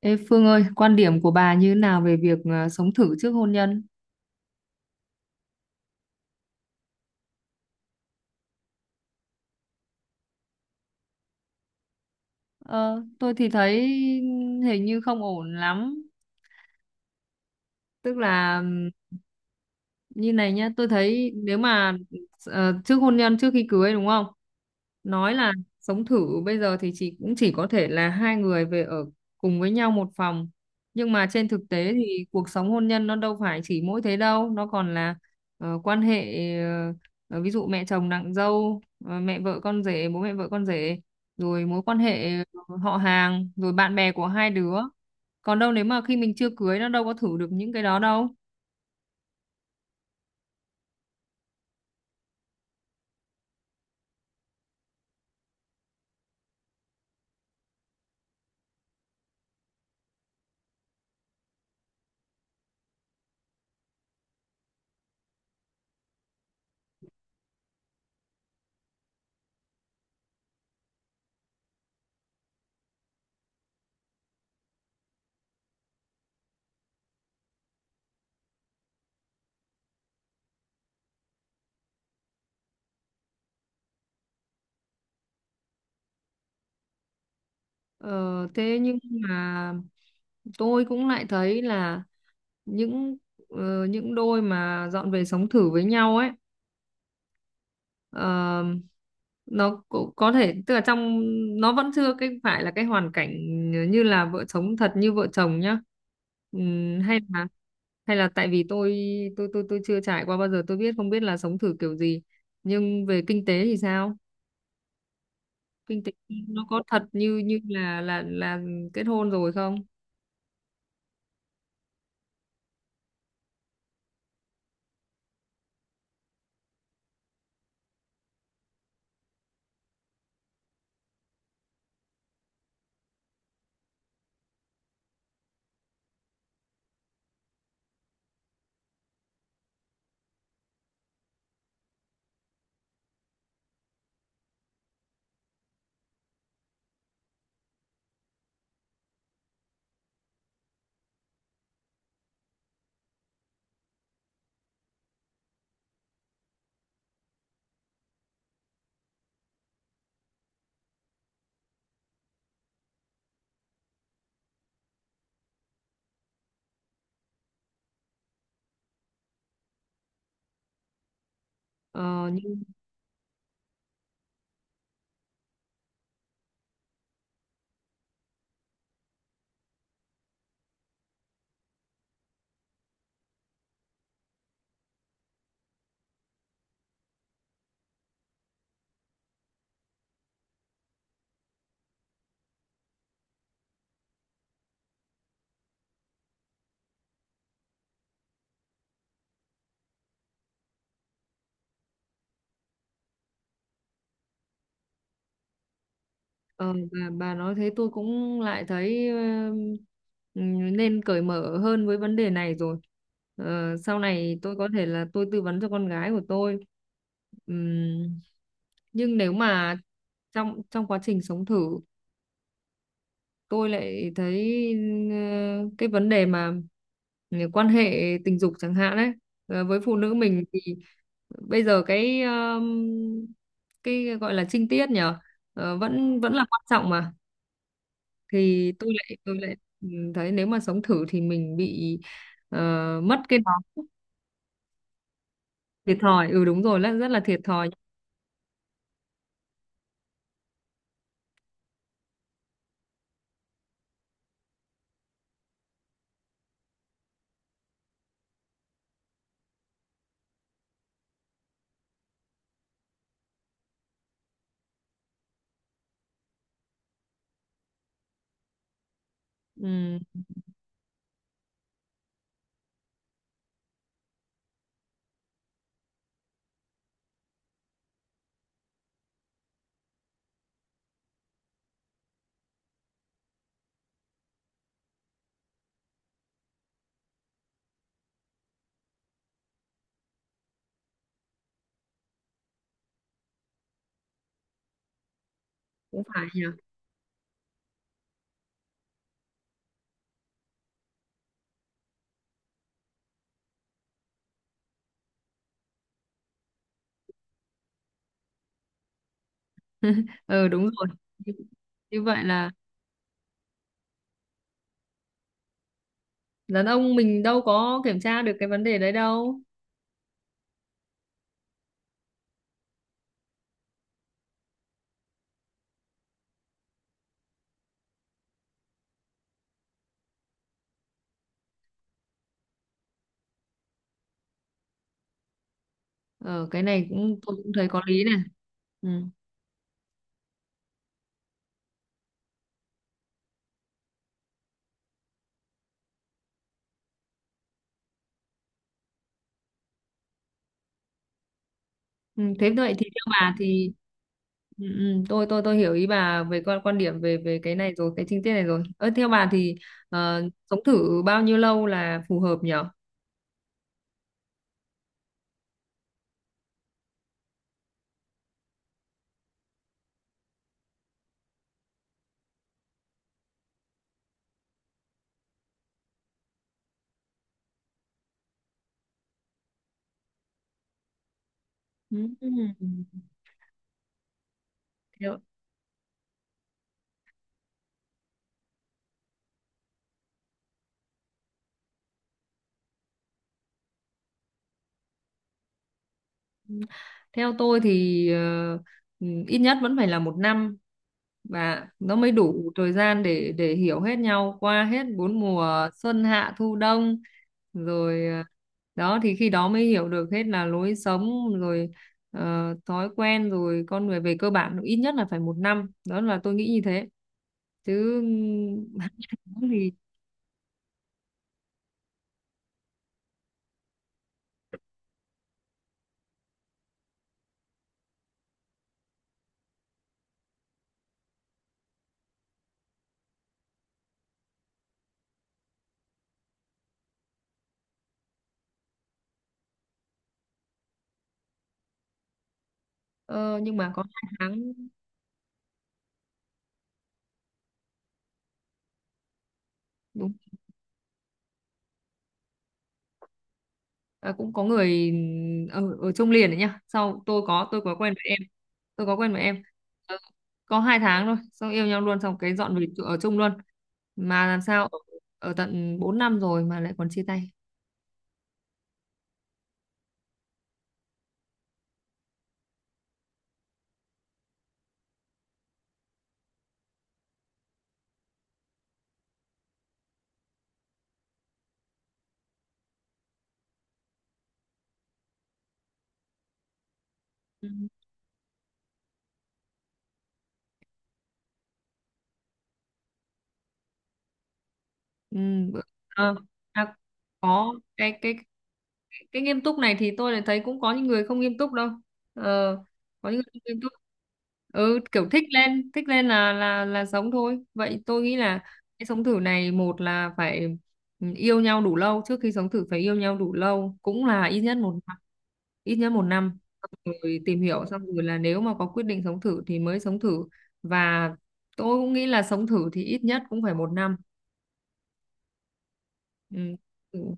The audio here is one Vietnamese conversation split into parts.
Ê Phương ơi, quan điểm của bà như thế nào về việc sống thử trước hôn nhân? Ờ, tôi thì thấy hình như không ổn lắm. Tức là như này nhá, tôi thấy nếu mà trước hôn nhân, trước khi cưới đúng không? Nói là sống thử bây giờ thì chỉ có thể là hai người về ở cùng với nhau một phòng. Nhưng mà trên thực tế thì cuộc sống hôn nhân nó đâu phải chỉ mỗi thế đâu, nó còn là quan hệ, ờ, ví dụ mẹ chồng nàng dâu, mẹ vợ con rể, bố mẹ vợ con rể, rồi mối quan hệ họ hàng, rồi bạn bè của hai đứa. Còn đâu nếu mà khi mình chưa cưới nó đâu có thử được những cái đó đâu. Ờ, Thế nhưng mà tôi cũng lại thấy là những những đôi mà dọn về sống thử với nhau ấy ờ, nó cũng có thể tức là trong nó vẫn chưa cái phải là cái hoàn cảnh như là vợ chồng thật, như vợ chồng nhá. Hay là tại vì tôi tôi chưa trải qua bao giờ, tôi biết không biết là sống thử kiểu gì, nhưng về kinh tế thì sao? Kinh tế nó có thật như như là kết hôn rồi không? Ờ, Ờ, bà, bà nói thế tôi cũng lại thấy nên cởi mở hơn với vấn đề này rồi. Ờ, sau này tôi có thể là tôi tư vấn cho con gái của tôi. Ừm, nhưng nếu mà trong trong quá trình sống thử tôi lại thấy cái vấn đề mà quan hệ tình dục chẳng hạn đấy. Với phụ nữ mình thì bây giờ cái gọi là trinh tiết nhở, vẫn vẫn là quan trọng mà. Thì tôi lại thấy nếu mà sống thử thì mình bị ờ, mất cái đó. Thiệt thòi, ừ đúng rồi, là rất là thiệt thòi. Ừ, cũng phải nhỉ. Ừ đúng rồi. Như, như vậy là đàn ông mình đâu có kiểm tra được cái vấn đề đấy đâu. Ờ cái này cũng tôi cũng thấy có lý này. Ừ. Ừ, thế vậy thì theo bà thì tôi hiểu ý bà về quan quan điểm về về cái này rồi, cái chi tiết này rồi. Ơ theo bà thì ờ, sống thử bao nhiêu lâu là phù hợp nhỉ? Ừm, Theo, theo tôi thì ít nhất vẫn phải là một năm, và nó mới đủ thời gian để hiểu hết nhau qua hết bốn mùa xuân hạ thu đông, rồi đó thì khi đó mới hiểu được hết là lối sống, rồi thói quen, rồi con người về cơ bản ít nhất là phải một năm. Đó là tôi nghĩ như thế, chứ 2 tháng thì ờ, nhưng mà có 2 tháng. Ờ, cũng có người ở trong liền đấy nhá. Sau tôi có quen với em. Ờ, có 2 tháng thôi, xong yêu nhau luôn, xong cái dọn về ở chung luôn, mà làm sao ở tận 4 năm rồi mà lại còn chia tay. Ừ, bữa- ờ, à, có cái nghiêm túc này thì tôi lại thấy cũng có những người không nghiêm túc đâu. ờ, có những người không nghiêm túc. Ừ, kiểu thích lên là sống thôi. Vậy tôi nghĩ là cái sống thử này một là phải yêu nhau đủ lâu, trước khi sống thử phải yêu nhau đủ lâu cũng là ít nhất một năm, ít nhất một năm. Xong rồi tìm hiểu xong rồi là nếu mà có quyết định sống thử thì mới sống thử, và tôi cũng nghĩ là sống thử thì ít nhất cũng phải một năm. Ừ. Ừ.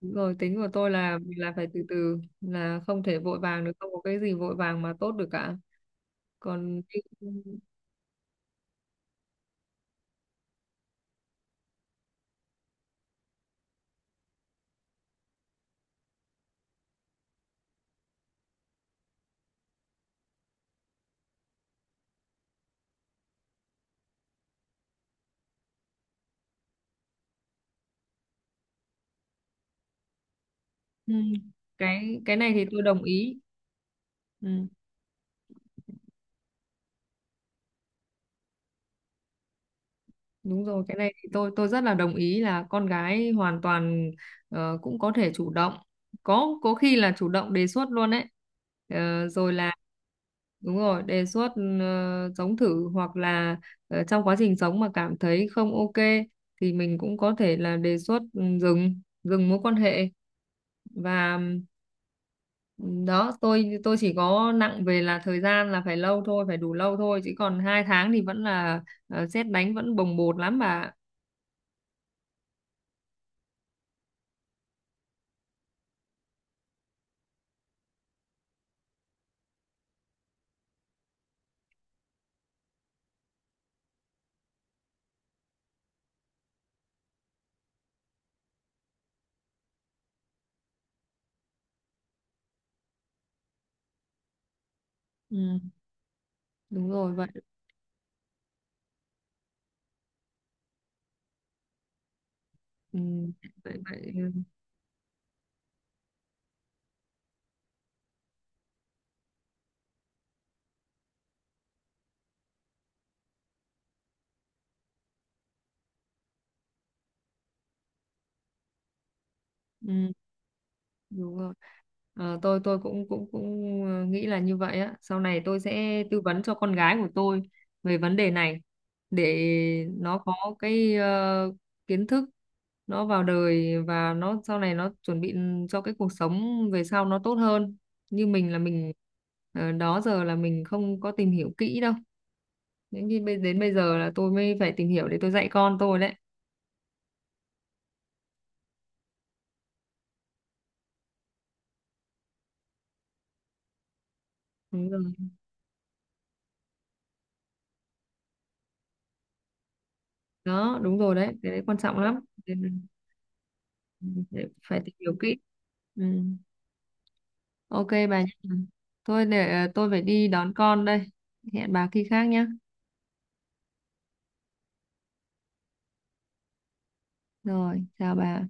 Đúng rồi, tính của tôi là phải từ từ, là không thể vội vàng được, không có cái gì vội vàng mà tốt được cả. còn cái- ừ. cái này thì tôi đồng ý. Ừ. Đúng rồi, cái này thì tôi rất là đồng ý, là con gái hoàn toàn cũng có thể chủ động. Có khi là chủ động đề xuất luôn đấy. Ờ, rồi là đúng rồi, đề xuất sống thử, hoặc là trong quá trình sống mà cảm thấy không ok thì mình cũng có thể là đề xuất dừng dừng mối quan hệ. Và ừ, đó, tôi chỉ có nặng về là thời gian là phải lâu thôi, phải đủ lâu thôi, chứ còn 2 tháng thì vẫn là sét đánh, vẫn bồng bột lắm bà. Ừ. Đúng rồi vậy. ừ, Vậy. Ừ, ừ, Đúng rồi. Ờ, tôi cũng cũng cũng nghĩ là như vậy á. Sau này tôi sẽ tư vấn cho con gái của tôi về vấn đề này, để nó có cái kiến thức, nó vào đời và nó sau này nó chuẩn bị cho cái cuộc sống về sau nó tốt hơn. Như mình là mình đó giờ là mình không có tìm hiểu kỹ đâu. Đến khi đến bây giờ là tôi mới phải tìm hiểu để tôi dạy con tôi đấy. Đúng rồi. Đó đúng rồi đấy, cái đấy quan trọng lắm. Nên mình phải phải tìm hiểu kỹ. Ừ. Ok bà nhé. Thôi để tôi phải đi đón con đây, hẹn bà khi khác nhé. Rồi chào bà.